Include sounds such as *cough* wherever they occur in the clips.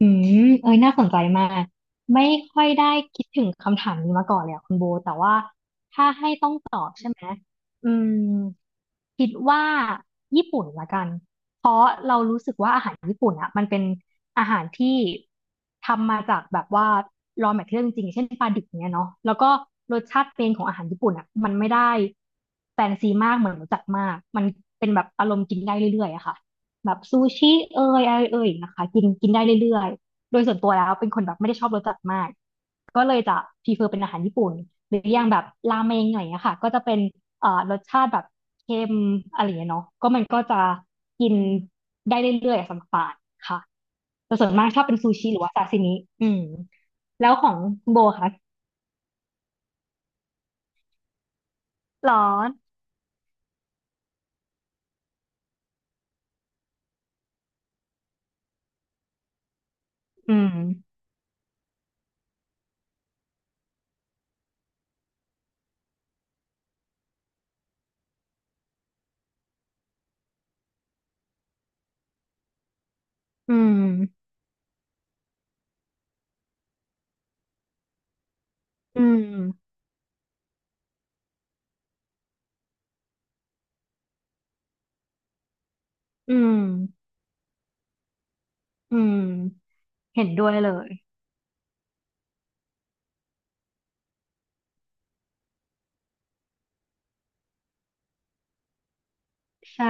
อืมเอ้ยน่าสนใจมาก ไม่ค่อยได้คิดถึงคำถามนี้มาก่อนเลยอะคุณโบ แต่ว่าถ้าให้ต้องตอบใช่ไหมอืมคิดว่าญี่ปุ่นละกัน เพราะเรารู้สึกว่าอาหารญี่ปุ่นอะมันเป็นอาหารที่ทำมาจากแบบว่า raw material จริงๆเช่นปลาดิบเนี้ยเนาะแล้วก็รสชาติเป็นของอาหารญี่ปุ่นอะมันไม่ได้แฟนซีมากเหมือนรสจัดมากมันเป็นแบบอารมณ์กินได้เรื่อยๆอะค่ะ แบบซูชิเอ่ยอะไรเอ่ยนะคะกินกินได้เรื่อยๆโดยส่วนตัวแล้วเป็นคนแบบไม่ได้ชอบรสจัดมากก็เลยจะพรีเฟอร์เป็นอาหารญี่ปุ่นหรืออย่างแบบราเมงหน่อยอะค่ะก็จะเป็นรสชาติแบบเค็มอะไรอย่างเงี้ยเนาะก็มันก็จะกินได้เรื่อยๆอะสำหรับปานค่ะแต่ส่วนมากชอบเป็นซูชิหรือว่าซาซิมิอืมแล้วของคุณโบค่ะร้อนอืมอืมอืมอืมอืมเห็นด้วยเลยใช่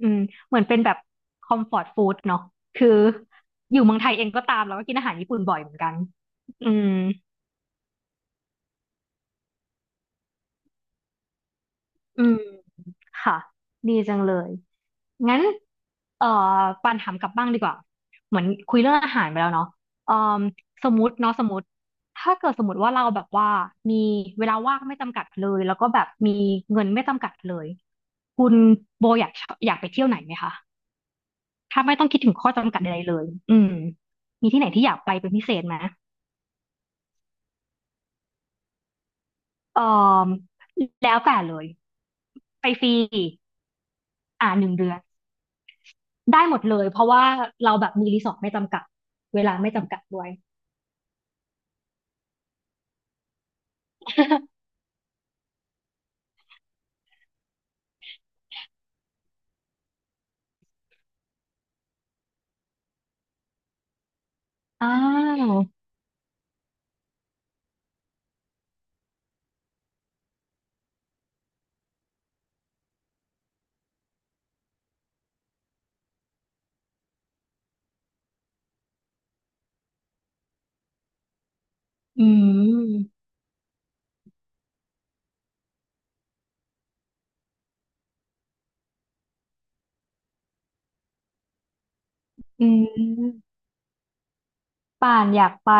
อืมเหมือนเป็นแบบคอมฟอร์ตฟู้ดเนาะคืออยู่เมืองไทยเองก็ตามแล้วก็กินอาหารญี่ปุ่นบ่อยเหมือนกันอืมอืมค่ะดีจังเลยงั้นเอ่อปานถามกลับบ้างดีกว่าเหมือนคุยเรื่องอาหารไปแล้วเนาะเอ่อสมมติเนาะสมมติถ้าเกิดสมมติว่าเราแบบว่ามีเวลาว่างไม่จำกัดเลยแล้วก็แบบมีเงินไม่จำกัดเลยคุณโบอยากไปเที่ยวไหนไหมคะถ้าไม่ต้องคิดถึงข้อจำกัดใดๆเลยอืมมีที่ไหนที่อยากไปเป็นพิเศษไหม เอ่อแล้วแต่เลยไปฟรีอ่า1 เดือนได้หมดเลยเพราะว่าเราแบบมีรีสอร์ทไม่จำกัดเวลาไม่จำกัดด้วย *laughs* อ้าวอืมอืมป่านอยากไป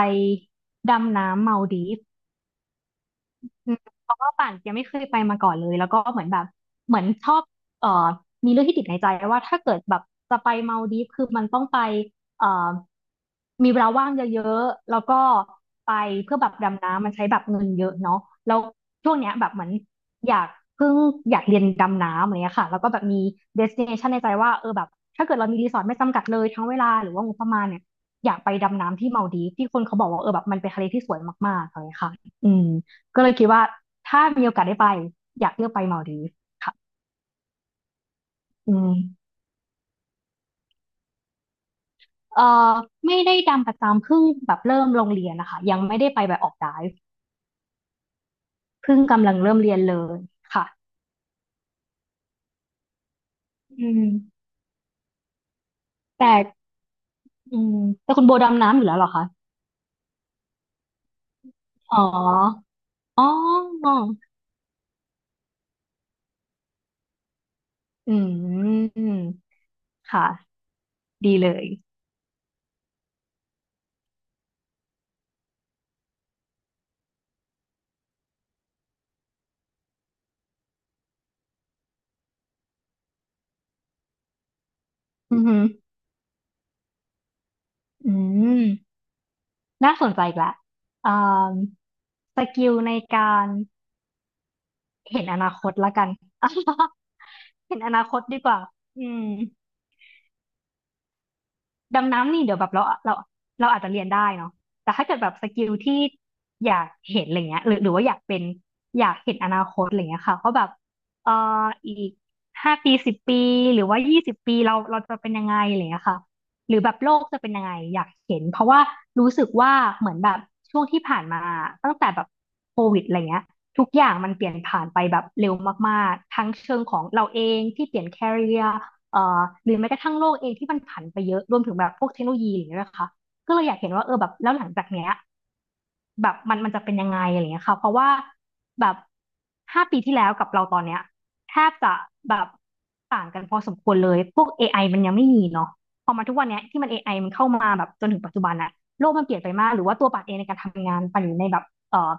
ดำน้ำเมาดีฟ อืมเพราะว่าป่านยังไม่เคยไปมาก่อนเลยแล้วก็เหมือนแบบเหมือนชอบเอ่อมีเรื่องที่ติดในใจว่าถ้าเกิดแบบจะไปมาลดีฟคือมันต้องไปเอ่อมีเวลาว่างเยอะๆแล้วก็ไปเพื่อแบบดำน้ำมันใช้แบบเงินเยอะเนาะแล้วช่วงเนี้ยแบบเหมือนอยากเพิ่งอยากเรียนดำน้ำอะไรเงี้ยค่ะแล้วก็แบบมีเดสติเนชันในใจว่าเออแบบถ้าเกิดเรามีรีสอร์ทไม่จำกัดเลยทั้งเวลาหรือว่างบประมาณเนี่ยอยากไปดำน้ำที่มาลดีฟที่คนเขาบอกว่าเออแบบมันเป็นทะเลที่สวยมากๆอะไรเงี้ยค่ะอืม ก็เลยคิดว่าถ้ามีโอกาสได้ไปอยากเลือกไปมาลดีฟส์ค่ะอืมเอ่อไม่ได้ดำประจำเพิ่งแบบเริ่มโรงเรียนนะคะยังไม่ได้ไปแบบออกไดฟ์เพิ่งกำลังเริ่มเรียนเลยค่ะอืมแต่อืมแต่คุณโบดำน้ำอยู่แล้วเหรอคะอ๋ออ๋ออืมค่ะดีเลยอือหืออืมน่าสนใจอีกละอ่าสกิลในการ เห็นอนาคตละกัน *laughs* เห็นอนาคตดีกว่าอืม ดำน้ำนี่เดี๋ยวแบบเราอาจจะเรียนได้เนาะแต่ถ้าเกิดแบบสกิลที่อยากเห็นอะไรเงี้ยหรือว่าอยากเป็นอยากเห็นอนาคตอะไรเงี้ยค่ะว่าแบบเอ่ออีก5 ปี 10 ปี หรือว่า 20 ปีเราจะเป็นยังไงอะไรเงี้ยค่ะหรือแบบโลกจะเป็นยังไงอยากเห็นเพราะว่ารู้สึกว่าเหมือนแบบช่วงที่ผ่านมาตั้งแต่แบบโควิดอะไรเงี้ยทุกอย่างมันเปลี่ยนผ่านไปแบบเร็วมากๆทั้งเชิงของเราเองที่เปลี่ยน career เอ่อหรือแม้กระทั่งโลกเองที่มันผันไปเยอะรวมถึงแบบพวกเทคโนโลยีอย่างเงี้ยนะคะก็เลยอยากเห็นว่าเออแบบแล้วหลังจากเนี้ย แบบมันจะเป็นยังไงอะไรเงี้ยค่ะเพราะว่าแบบห้าปีที่แล้วกับเราตอนเนี้ยแทบจะแบบต่างกันพอสมควรเลยพวก AI มันยังไม่มีเนาะพอมาทุกวันเนี้ยที่มัน AI มันเข้ามาแบบจนถึงปัจจุบันอะโลกมันเปลี่ยนไปมากหรือว่าตัวปัดเองในการทำงานปัดอยู่ในแบบเอ่อ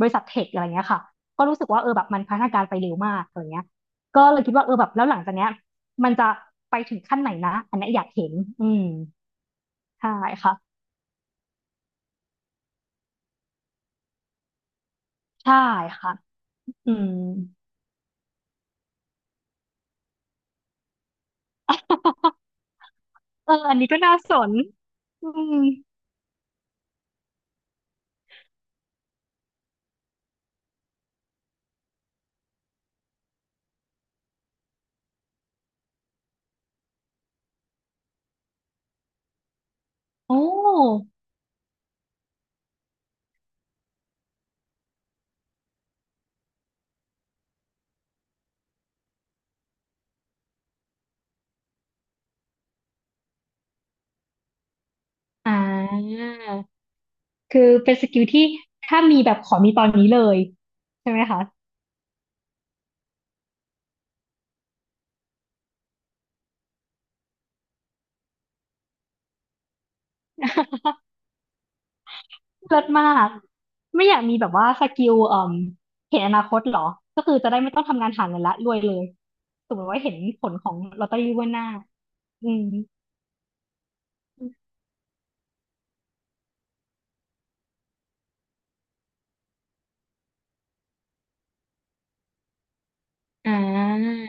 บริษัทเทคอะไรเงี้ยค่ะก็รู้สึกว่าเออแบบมันพัฒนาการไปเร็วมากอะไรเงี้ยก็เลยคิดว่าเออแบบแล้วหลังจากเนี้ยมันจะไปถึงขั้นไหนนะอันเนี้ยอยากเห็นอืมใช่ค่ะใช่ค่ะอืม เอออันนี้ก็น่าสนอืมโอ้อ่าคือเป็นสกิลที่ถ้ามีแบบขอมีตอนนี้เลยใช่ไหมคะ *laughs* เลิศมาก ไม่อยากมีแบบว่าสกิลเอ่มเห็นอนาคตเหรอ ก็คือจะได้ไม่ต้องทำงานหาเงินละรวยเลยสมมติว่าเห็นผลของลอตเตอรี่ว่วดหน้าอืมอ่า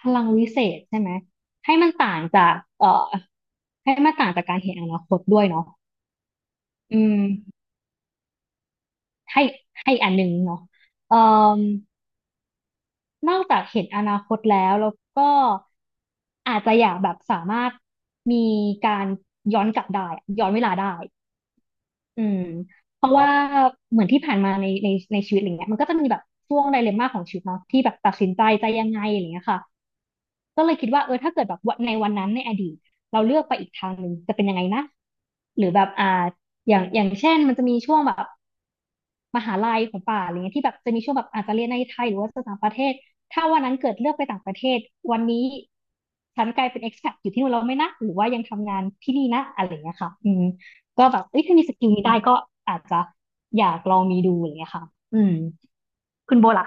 พลังวิเศษใช่ไหมให้มันต่างจากให้มันต่างจากการเห็นอนาคตด้วยเนาะอืม ให้ให้อันหนึงเนาะเอ่มนอกจากเห็นอนาคตแล้วแล้วก็อาจจะอยากแบบสามารถมีการย้อนกลับได้อะย้อนเวลาได้อืมเพราะว่าเหมือนที่ผ่านมาในในชีวิตอะไรเงี้ยมันก็จะมีแบบช่วงไดเลมม่าของชีวิตเนาะที่แบบตัดสินใจจะยังไงอะไรเงี้ยค่ะก็เลยคิดว่าเออถ้าเกิดแบบวันนั้นในอดีตเราเลือกไปอีกทางหนึ่งจะเป็นยังไงนะหรือแบบอย่างเช่นมันจะมีช่วงแบบ มหาลัยของป่าอะไรเงี้ยที่แบบจะมีช่วงแบบอาจจะเรียนในไทยหรือว่าจะต่างประเทศถ้าวันนั้นเกิดเลือกไปต่างประเทศวันนี้ฉันกลายเป็น expat อยู่ที่นู่นแล้วไหม่นะหรือว่ายังทำงานที่นี่นะอะไรเงี้ยค่ะอืมก็แบบเอ้ยถ้ามีสกิลนี้ได้ก็อาจจะอยากลองมีดูอะไรเงี้ยค่ะอืมคุณโบล่ะ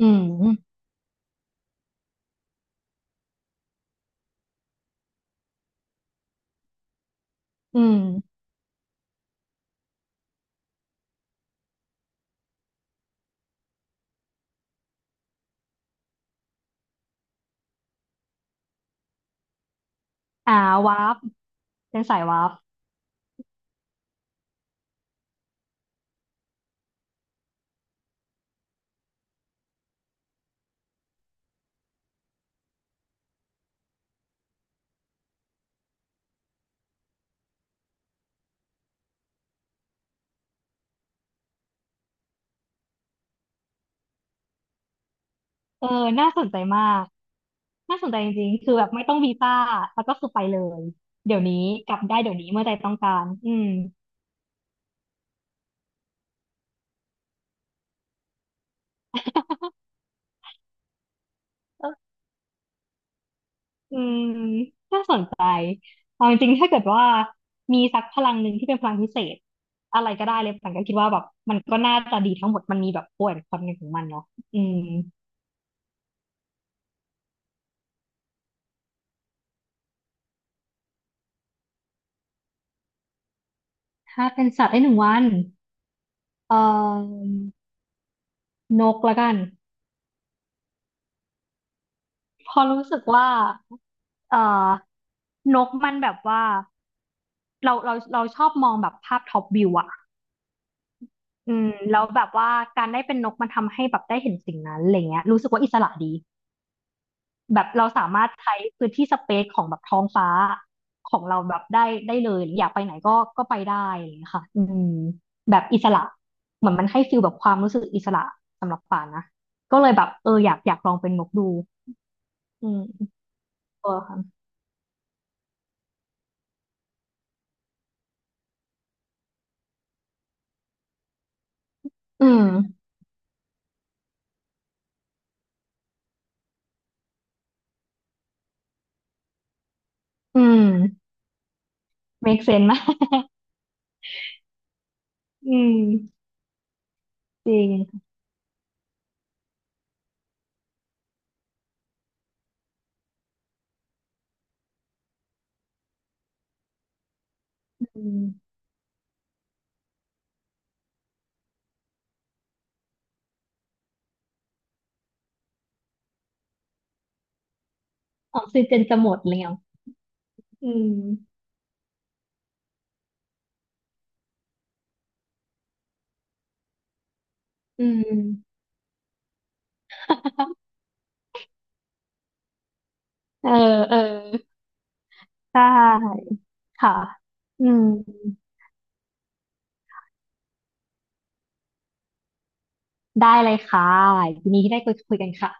อืมอืมอ่าวาร์ปเป็นสายวาร์ปเออน่าสนใจมากน่าสนใจจริงๆคือแบบไม่ต้องวีซ่าแล้วก็คือไปเลยเดี๋ยวนี้กลับได้เดี๋ยวนี้เมื่อใจต้องการอืม *laughs* อืมน่าสนใจเอาจริงๆถ้าเกิดว่ามีสักพลังหนึ่งที่เป็นพลังพิเศษอะไรก็ได้เลยปันก็คิดว่าแบบมันก็น่าจะดีทั้งหมดมันมีแบบป่วยคนในของมันเนาะอืมถ้าเป็นสัตว์ได้หนึ่งวันเอ่อนกละกันพอรู้สึกว่าเอ่อนกมันแบบว่าเราชอบมองแบบภาพท็อปวิวอะอืมแล้วแบบว่าการได้เป็นนกมันทำให้แบบได้เห็นสิ่งนั้นอะไรเงี้ยรู้สึกว่าอิสระดี แบบเราสามารถใช้พื้นที่สเปซของแบบท้องฟ้าของเราแบบได้ได้เลยอยากไปไหนก็ไปได้อะไรอย่างเงี้ยค่ะอืมแบบอิสระเหมือนมันให้ฟีลแบบความรู้สึกอิสระสำหรับป่านนะก็เลยแบบเอออยากลองเป็นนกดูอืมตัวค่ะอืมอืม make sense นะ *laughs* อืมจริงอืมออกซิเจนจะหมดแล้วอืมอืม *laughs* เออเออใช่ค่ะอืม ได้เลยค่ะยินดีที่ได้คุยกันค่ะ